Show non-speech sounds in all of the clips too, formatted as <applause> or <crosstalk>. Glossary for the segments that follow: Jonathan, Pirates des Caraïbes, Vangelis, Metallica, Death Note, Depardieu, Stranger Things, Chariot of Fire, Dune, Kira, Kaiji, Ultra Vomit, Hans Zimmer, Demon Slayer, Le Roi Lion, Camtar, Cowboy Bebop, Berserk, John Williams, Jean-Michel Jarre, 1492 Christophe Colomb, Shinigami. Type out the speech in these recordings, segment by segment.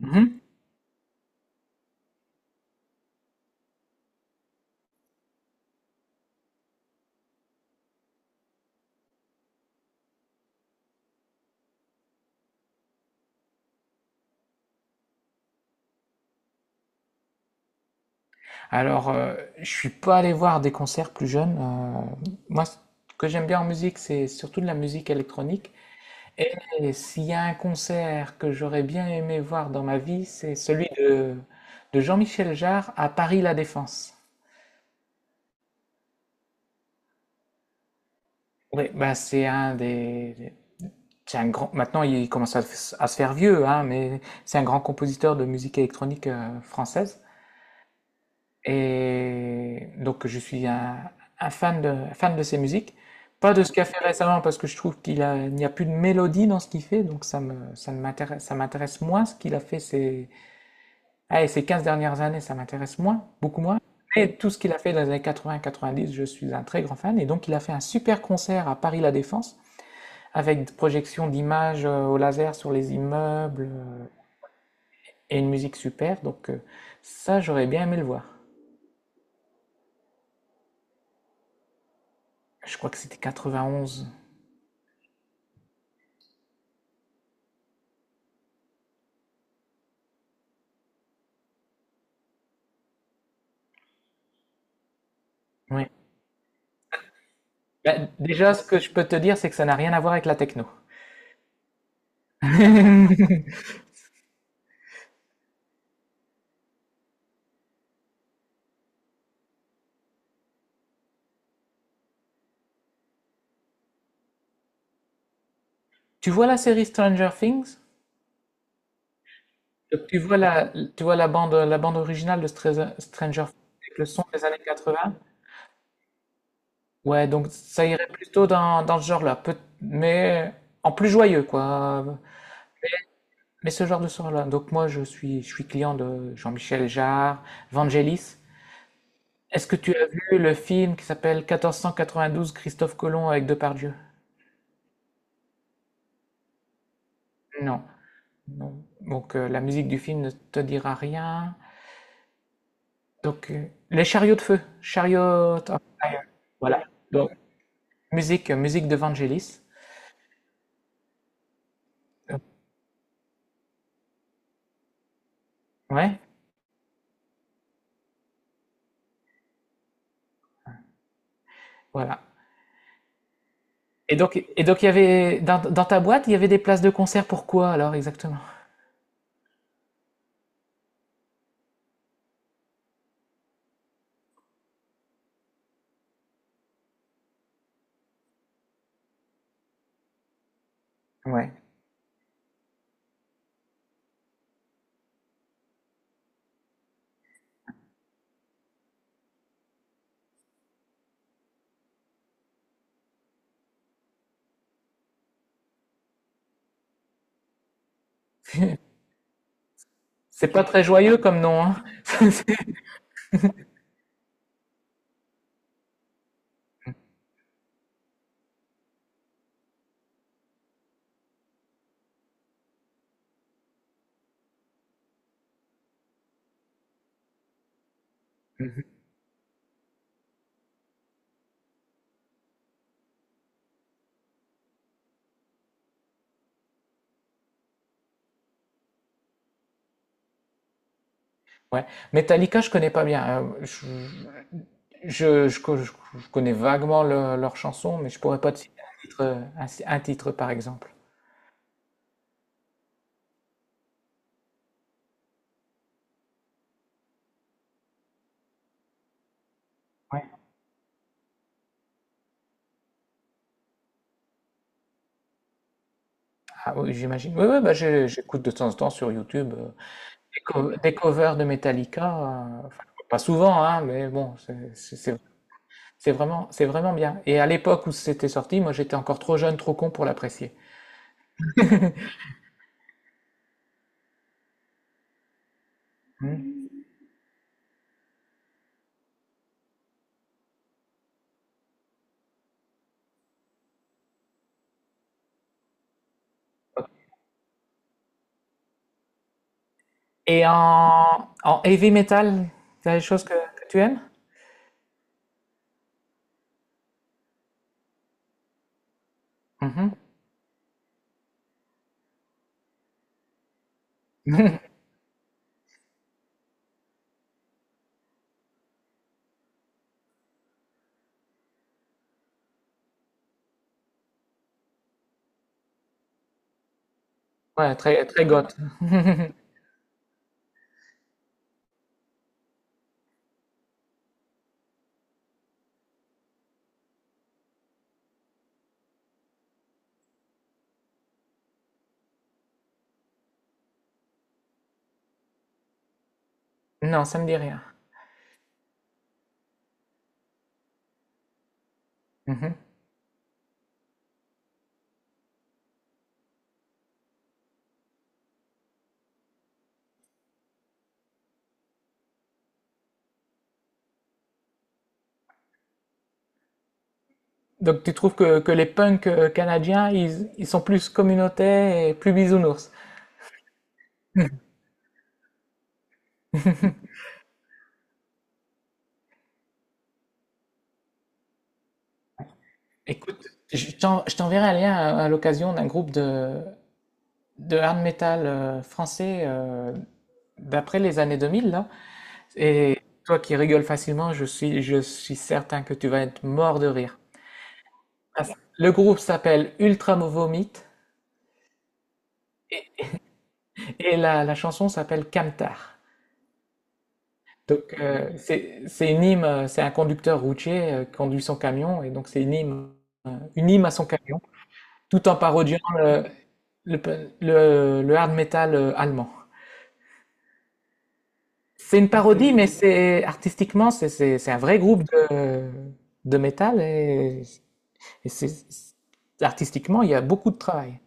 Mhm. Alors, je suis pas allé voir des concerts plus jeunes. Moi, ce que j'aime bien en musique, c'est surtout de la musique électronique. Et s'il y a un concert que j'aurais bien aimé voir dans ma vie, c'est celui de Jean-Michel Jarre à Paris La Défense. Oui, bah, c'est un grand. Maintenant, il commence à se faire vieux, hein, mais c'est un grand compositeur de musique électronique française. Et donc je suis un fan de ses musiques. Pas de ce qu'il a fait récemment parce que je trouve il n'y a plus de mélodie dans ce qu'il fait, donc ça me, ça ne m'intéresse, ça m'intéresse moins ce qu'il a fait ces, allez, ces 15 dernières années, ça m'intéresse moins, beaucoup moins. Mais tout ce qu'il a fait dans les années 80, 90, je suis un très grand fan. Et donc il a fait un super concert à Paris La Défense avec des projections d'images au laser sur les immeubles et une musique super. Donc, ça, j'aurais bien aimé le voir. Je crois que c'était 91. Oui. Bah, déjà, ce que je peux te dire, c'est que ça n'a rien à voir avec la techno. <laughs> Tu vois la série Stranger Things? Donc, tu vois la bande originale de Stranger Things avec le son des années 80? Ouais, donc ça irait plutôt dans ce genre-là, mais en plus joyeux, quoi. Mais ce genre de sort-là. Donc moi, je suis client de Jean-Michel Jarre, Vangelis. Est-ce que tu as vu le film qui s'appelle 1492 Christophe Colomb avec Depardieu? Non. Non. Donc, la musique du film ne te dira rien. Donc, les chariots de feu, Chariot of Fire. Voilà. Donc musique de Vangelis. Euh, Ouais, voilà. Et donc il y avait dans ta boîte, il y avait des places de concert pour quoi alors exactement? Ouais. C'est pas très joyeux comme nom, hein. <laughs> C'est- Ouais. Metallica, je connais pas bien. Je, je co- je- je connais vaguement leurs chansons, mais je pourrais pas te citer un titre, un titre par exemple. Ah oui, j'imagine. Oui, oui, bah, j'écoute de temps en temps sur YouTube, des covers de Metallica, enfin, pas souvent, hein, mais bon, c'est vraiment bien et à l'époque où c'était sorti, moi, j'étais encore trop jeune, trop con pour l'apprécier. Mmh et en heavy metal, tu as des choses que tu aimes? Mmh. Ouais, très très goth. <laughs> Non, ça me dit rien. Mmh Donc tu trouves que les punks, canadiens, ils sont plus communautaires et plus bisounours? <laughs> Écoute, je t'enverrai un lien à l'occasion d'un groupe de hard metal français d'après les années 2000, là. Et toi qui rigoles facilement, je suis certain que tu vas être mort de rire. Parce- Le groupe s'appelle Ultra Vomit et la chanson s'appelle Camtar. Donc, c'est une hymne, c'est un conducteur routier qui conduit son camion, et donc c'est une hymne à son camion, tout en parodiant le, le hard metal allemand. C'est une parodie, mais c'est artistiquement, c'est un vrai groupe de métal et c'est artistiquement, il y a beaucoup de travail.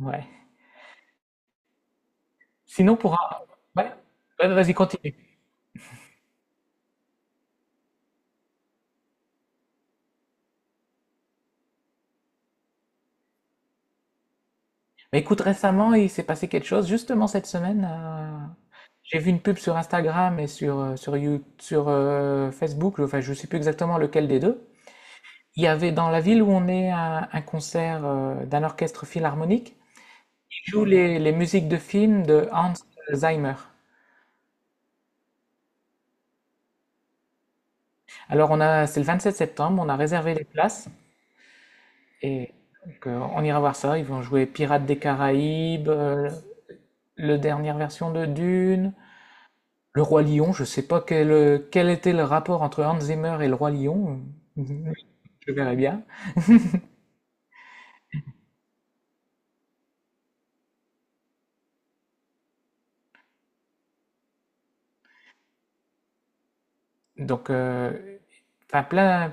Ouais. Sinon, ouais. Ouais, vas-y, continue. Mais écoute, récemment, il s'est passé quelque chose. Justement, cette semaine, j'ai vu une pub sur Instagram et sur Facebook. Enfin, je ne sais plus exactement lequel des deux. Il y avait dans la ville où on est un concert d'un orchestre philharmonique qui joue les musiques de films de Hans Zimmer. Alors c'est le 27 septembre, on a réservé les places et donc, on ira voir ça. Ils vont jouer Pirates des Caraïbes, le dernière version de Dune, Le Roi Lion. Je sais pas quel était le rapport entre Hans Zimmer et Le Roi Lion. <laughs> Je verrai bien. Donc, enfin plein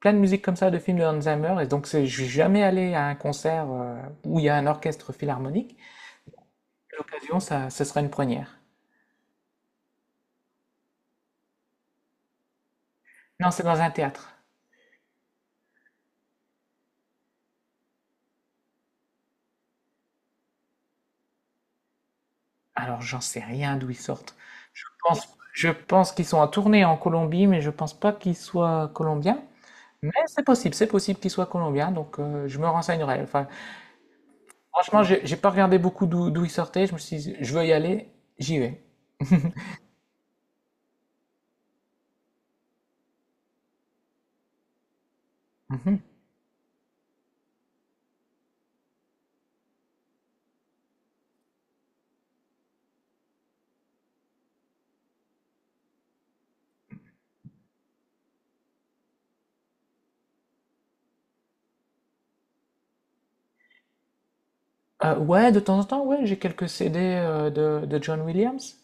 plein de musique comme ça de films de Hans Zimmer et donc je suis jamais allé à un concert où il y a un orchestre philharmonique. À l'occasion, ça sera une première. Non, c'est dans un théâtre. Alors, j'en sais rien d'où ils sortent. Je pense, je pense qu'ils sont en tournée en Colombie, mais je pense pas qu'ils soient colombiens. Mais c'est possible qu'ils soient colombiens, donc, je me renseignerai. Enfin, franchement, j'ai pas regardé beaucoup d'où ils sortaient. Je me suis dit, je veux y aller, j'y vais. Mhm. Ouais, de temps en temps, ouais, j'ai quelques CD de John Williams.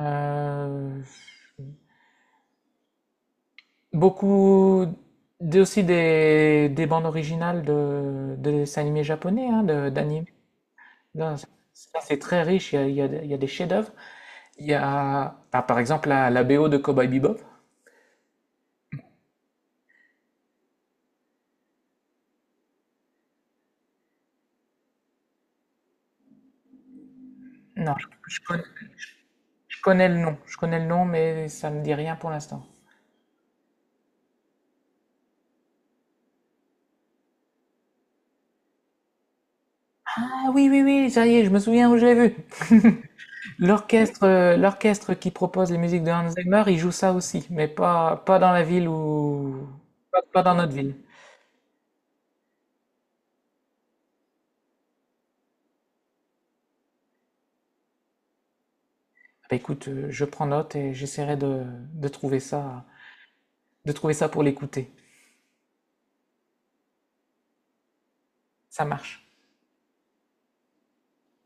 Euh, beaucoup aussi des bandes originales de dessins animés japonais, hein, d'animés. Non, ça, c'est très riche, il y a des il y a des chefs-d'œuvre. Il y a, ah, par exemple, la BO de Cowboy Bebop. Non, je connais le nom, je connais le nom, mais ça me dit rien pour l'instant. Ah oui, oui, oui, ça y est, je me souviens où je l'ai vu. <laughs> L'orchestre qui propose les musiques de Hans Zimmer, il joue ça aussi, mais pas, pas dans la ville où, pas, pas dans notre ville. Bah, écoute, je prends note et j'essaierai de trouver ça pour l'écouter. Ça marche.